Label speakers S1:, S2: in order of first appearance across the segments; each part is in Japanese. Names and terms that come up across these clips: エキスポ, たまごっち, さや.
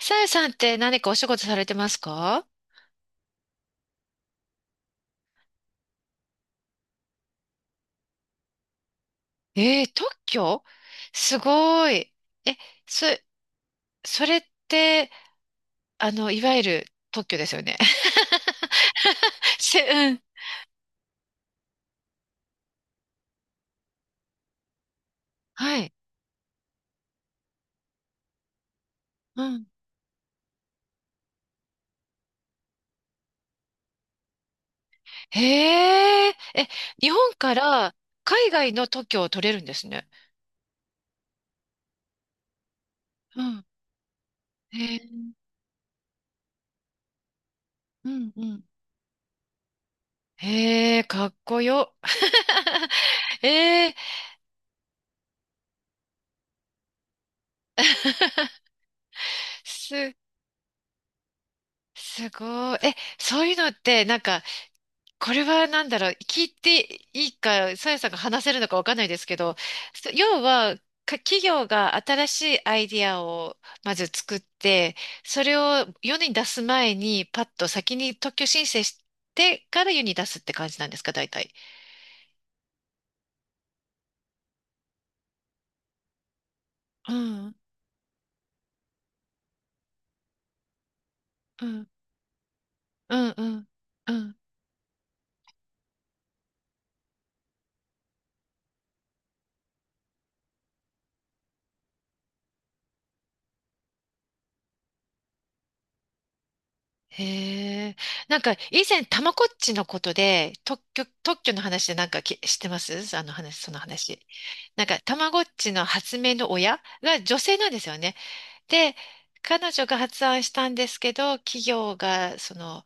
S1: さやさんって何かお仕事されてますか？えー、特許すごい。え、そ、それって、いわゆる特許ですよね。うん。はい。うん。へえ、え、日本から海外の特許を取れるんですね。うん。へえ、うんうん。へえ、かっこよ。えー、す、すごい。そういうのって、なんか、これはなんだろう、聞いていいか、さやさんが話せるのかわかんないですけど、要は、企業が新しいアイディアをまず作って、それを世に出す前に、パッと先に特許申請してから世に出すって感じなんですか、大体。うん、うん、うん、うん、うん。へえ。なんか、以前、たまこっちのことで、特許の話でなんか知ってますあの話、その話。なんか、たまごっちの発明の親が女性なんですよね。で、彼女が発案したんですけど、企業が、その、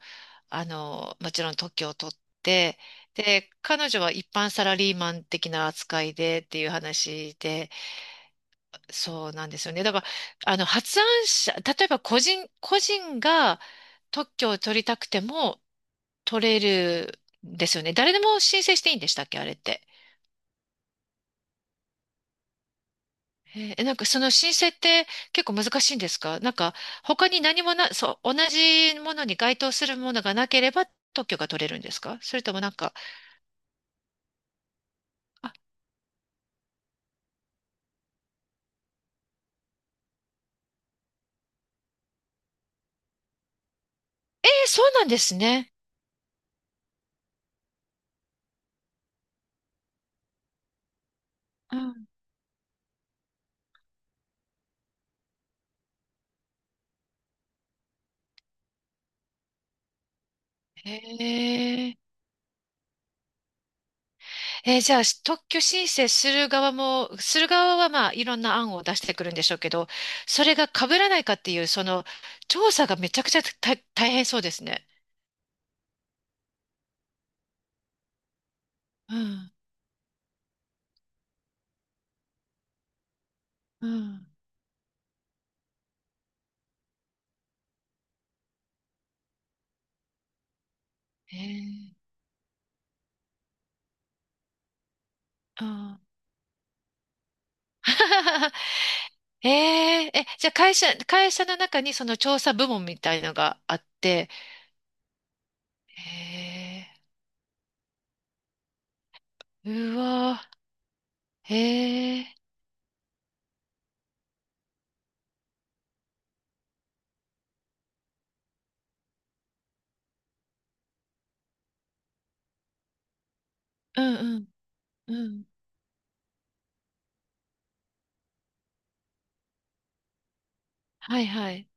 S1: あの、もちろん特許を取って、で、彼女は一般サラリーマン的な扱いでっていう話で、そうなんですよね。だから、発案者、例えば個人が特許を取りたくても取れるんですよね。誰でも申請していいんでしたっけ、あれって。なんかその申請って結構難しいんですか？なんか他に何もな、そう、同じものに該当するものがなければ特許が取れるんですか？それともなんか、あ、えーそうなんですね。うん、へえー。じゃあ、特許申請する側も、する側はまあ、いろんな案を出してくるんでしょうけど、それが被らないかっていう、その、調査がめちゃくちゃ大変そうですね。うん、うん、えー、うん。えー、じゃあ会社の中にその調査部門みたいのがあって、えー、うわー、えー、うん、うん、うん。はい、はい。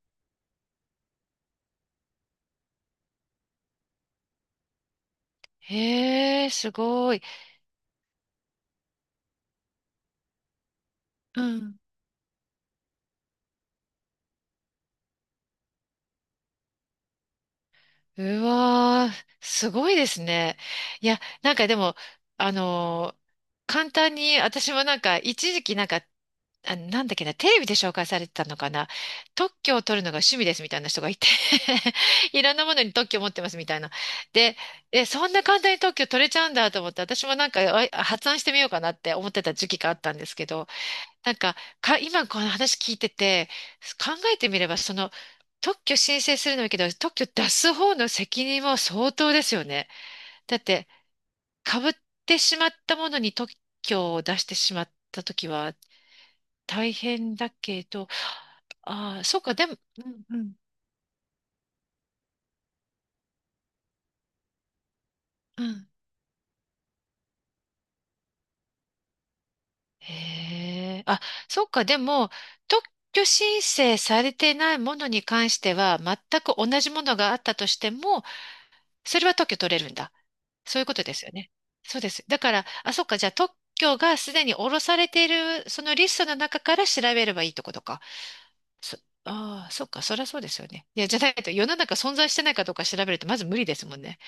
S1: えー、すごい。うん、うわー、すごいですね。いや、なんかでも、あのー簡単に、私もなんか、一時期なんか、あ、なんだっけな、テレビで紹介されてたのかな、特許を取るのが趣味ですみたいな人がいて いろんなものに特許を持ってますみたいな。で、そんな簡単に特許取れちゃうんだと思って、私もなんか発案してみようかなって思ってた時期があったんですけど、なんか、今この話聞いてて、考えてみれば、その、特許申請するのもいいけど、特許出す方の責任も相当ですよね。だって、被ってしまったものに特許を出してしまったときは大変だけど、ああ、そうか、でも、うんうん、うん。へえ、あ、そうか、でも、特許申請されてないものに関しては、全く同じものがあったとしても、それは特許取れるんだ。そういうことですよね。そうです。だから、あ、そっか、じゃあ特許がすでに下ろされている、そのリストの中から調べればいいとことか。そ、ああ、そっか、そりゃそうですよね。いや、じゃないと世の中存在してないかどうか調べるとまず無理ですもんね。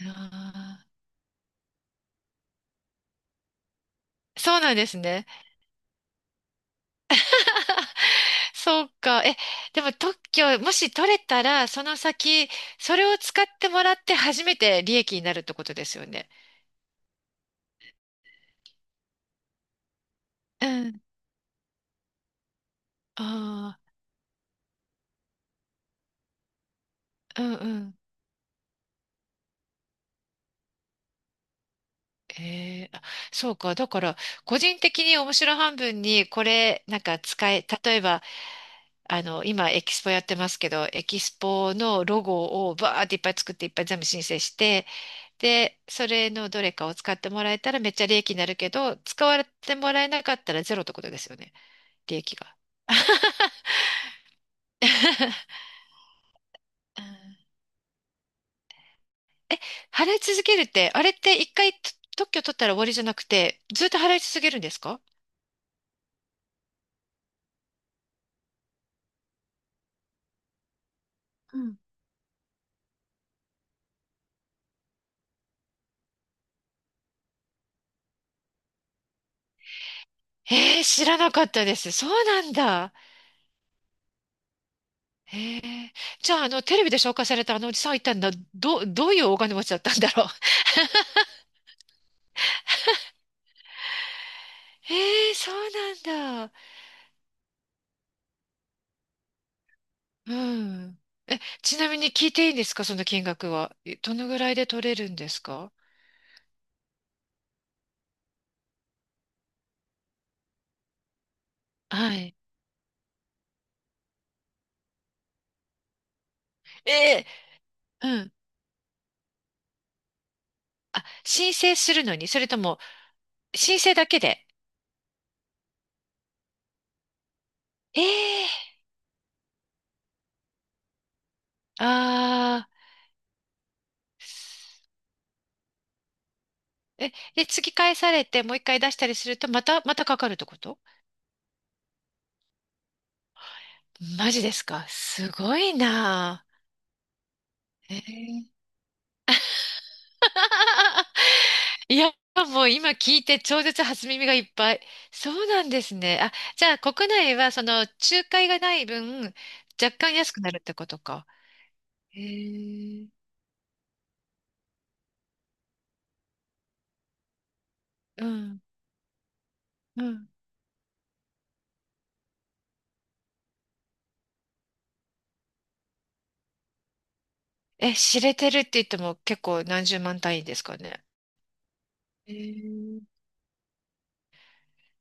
S1: ああ、そうなんですね。そうか。でも特許、もし取れたら、その先、それを使ってもらって初めて利益になるってことですよね。うん。ああ、うんうん。ええあ、そうか。だから、個人的に面白半分に、これ、なんか使え、例えば、今、エキスポやってますけど、エキスポのロゴをバーっていっぱい作って、いっぱい全部申請して、で、それのどれかを使ってもらえたらめっちゃ利益になるけど、使われてもらえなかったらゼロってことですよね。利益が。うん、え、払い続けるって、あれって一回と特許取ったら終わりじゃなくて、ずっと払い続けるんですか？えー、知らなかったです。そうなんだ。えー、じゃあ、テレビで紹介されたあのおじさんは一体どういうお金持ちだったんだろう。えー、そうなんだ。うん。ちなみに聞いていいんですか、その金額は。えどのぐらいで取れるんですか？はい。えー、うん。あ、申請するのに、それとも、申請だけで。ええー、ああえ、で、次返されて、もう一回出したりすると、また、またかかるってこと？マジですか？すごいなぁ。えー いや、もう今聞いて超絶初耳がいっぱい。そうなんですね。あ、じゃあ国内はその仲介がない分、若干安くなるってことか。へえ。うん、うん。知れてるって言っても結構何十万単位ですかね。へえ。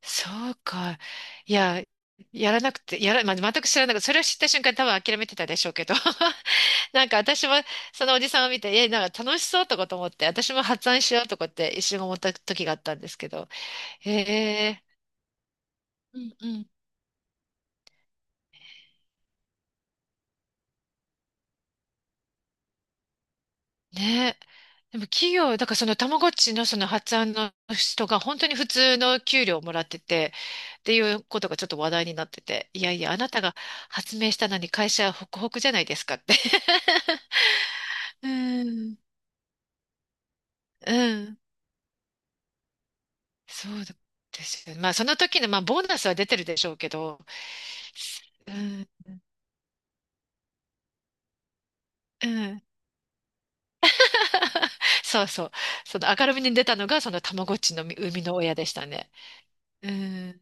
S1: そうか。いや、やらなくて、やら、まあ、全く知らなくて、それを知った瞬間多分諦めてたでしょうけど。なんか私もそのおじさんを見て、なんか楽しそうとかと思って、私も発案しようとかって一瞬思った時があったんですけど、へえ、うんうん。ね、でも企業、だからそのたまごっちのその発案の人が本当に普通の給料をもらってて、っていうことがちょっと話題になってて、いやいや、あなたが発明したのに会社はホクホクじゃないですかって。うん。うん、そうですよね。まあその時の、まあボーナスは出てるでしょうけど、うん、うん。そうそう。その明るみに出たのが、そのたまごっちの生みの親でしたね。うん。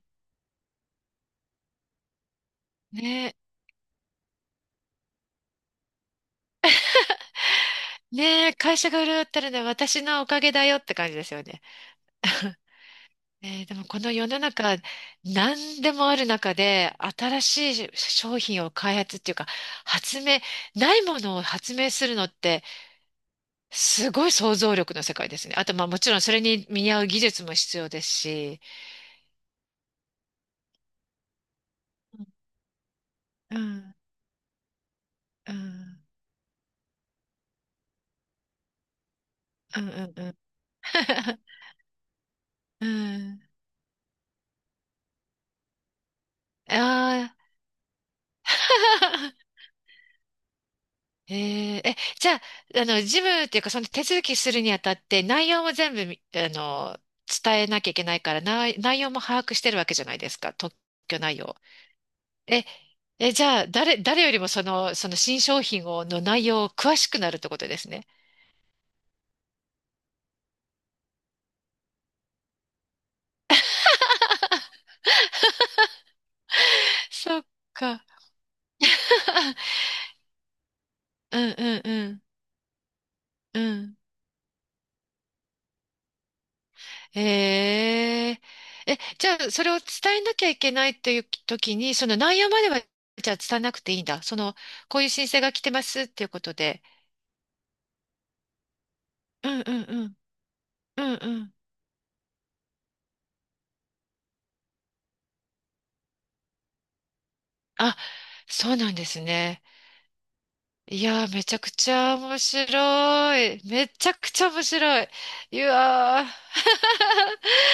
S1: ねえ、ねえ、会社が潤ったるのは私のおかげだよって感じですよね。えーでもこの世の中何でもある中で新しい商品を開発っていうか発明、ないものを発明するのってすごい想像力の世界ですね。あとまあもちろんそれに見合う技術も必要ですし。うんうんうんうんうんうん。うん。ああ えええ、じゃあ、事務っていうか、その手続きするにあたって、内容も全部み、あの、伝えなきゃいけないから、内容も把握してるわけじゃないですか、特許内容。え、じゃあ、誰よりもその新商品を、の内容を詳しくなるってことですね。そっか。うんうんうん。うん。へえ。じゃあ、それを伝えなきゃいけないという時に、その内容までは、じゃあ伝えなくていいんだ。その、こういう申請が来てますっていうことで。うんうんうん。うんうん。あ、そうなんですね。いやー、めちゃくちゃ面白い。めちゃくちゃ面白い。いやー。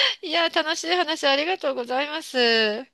S1: いやー、楽しい話ありがとうございます。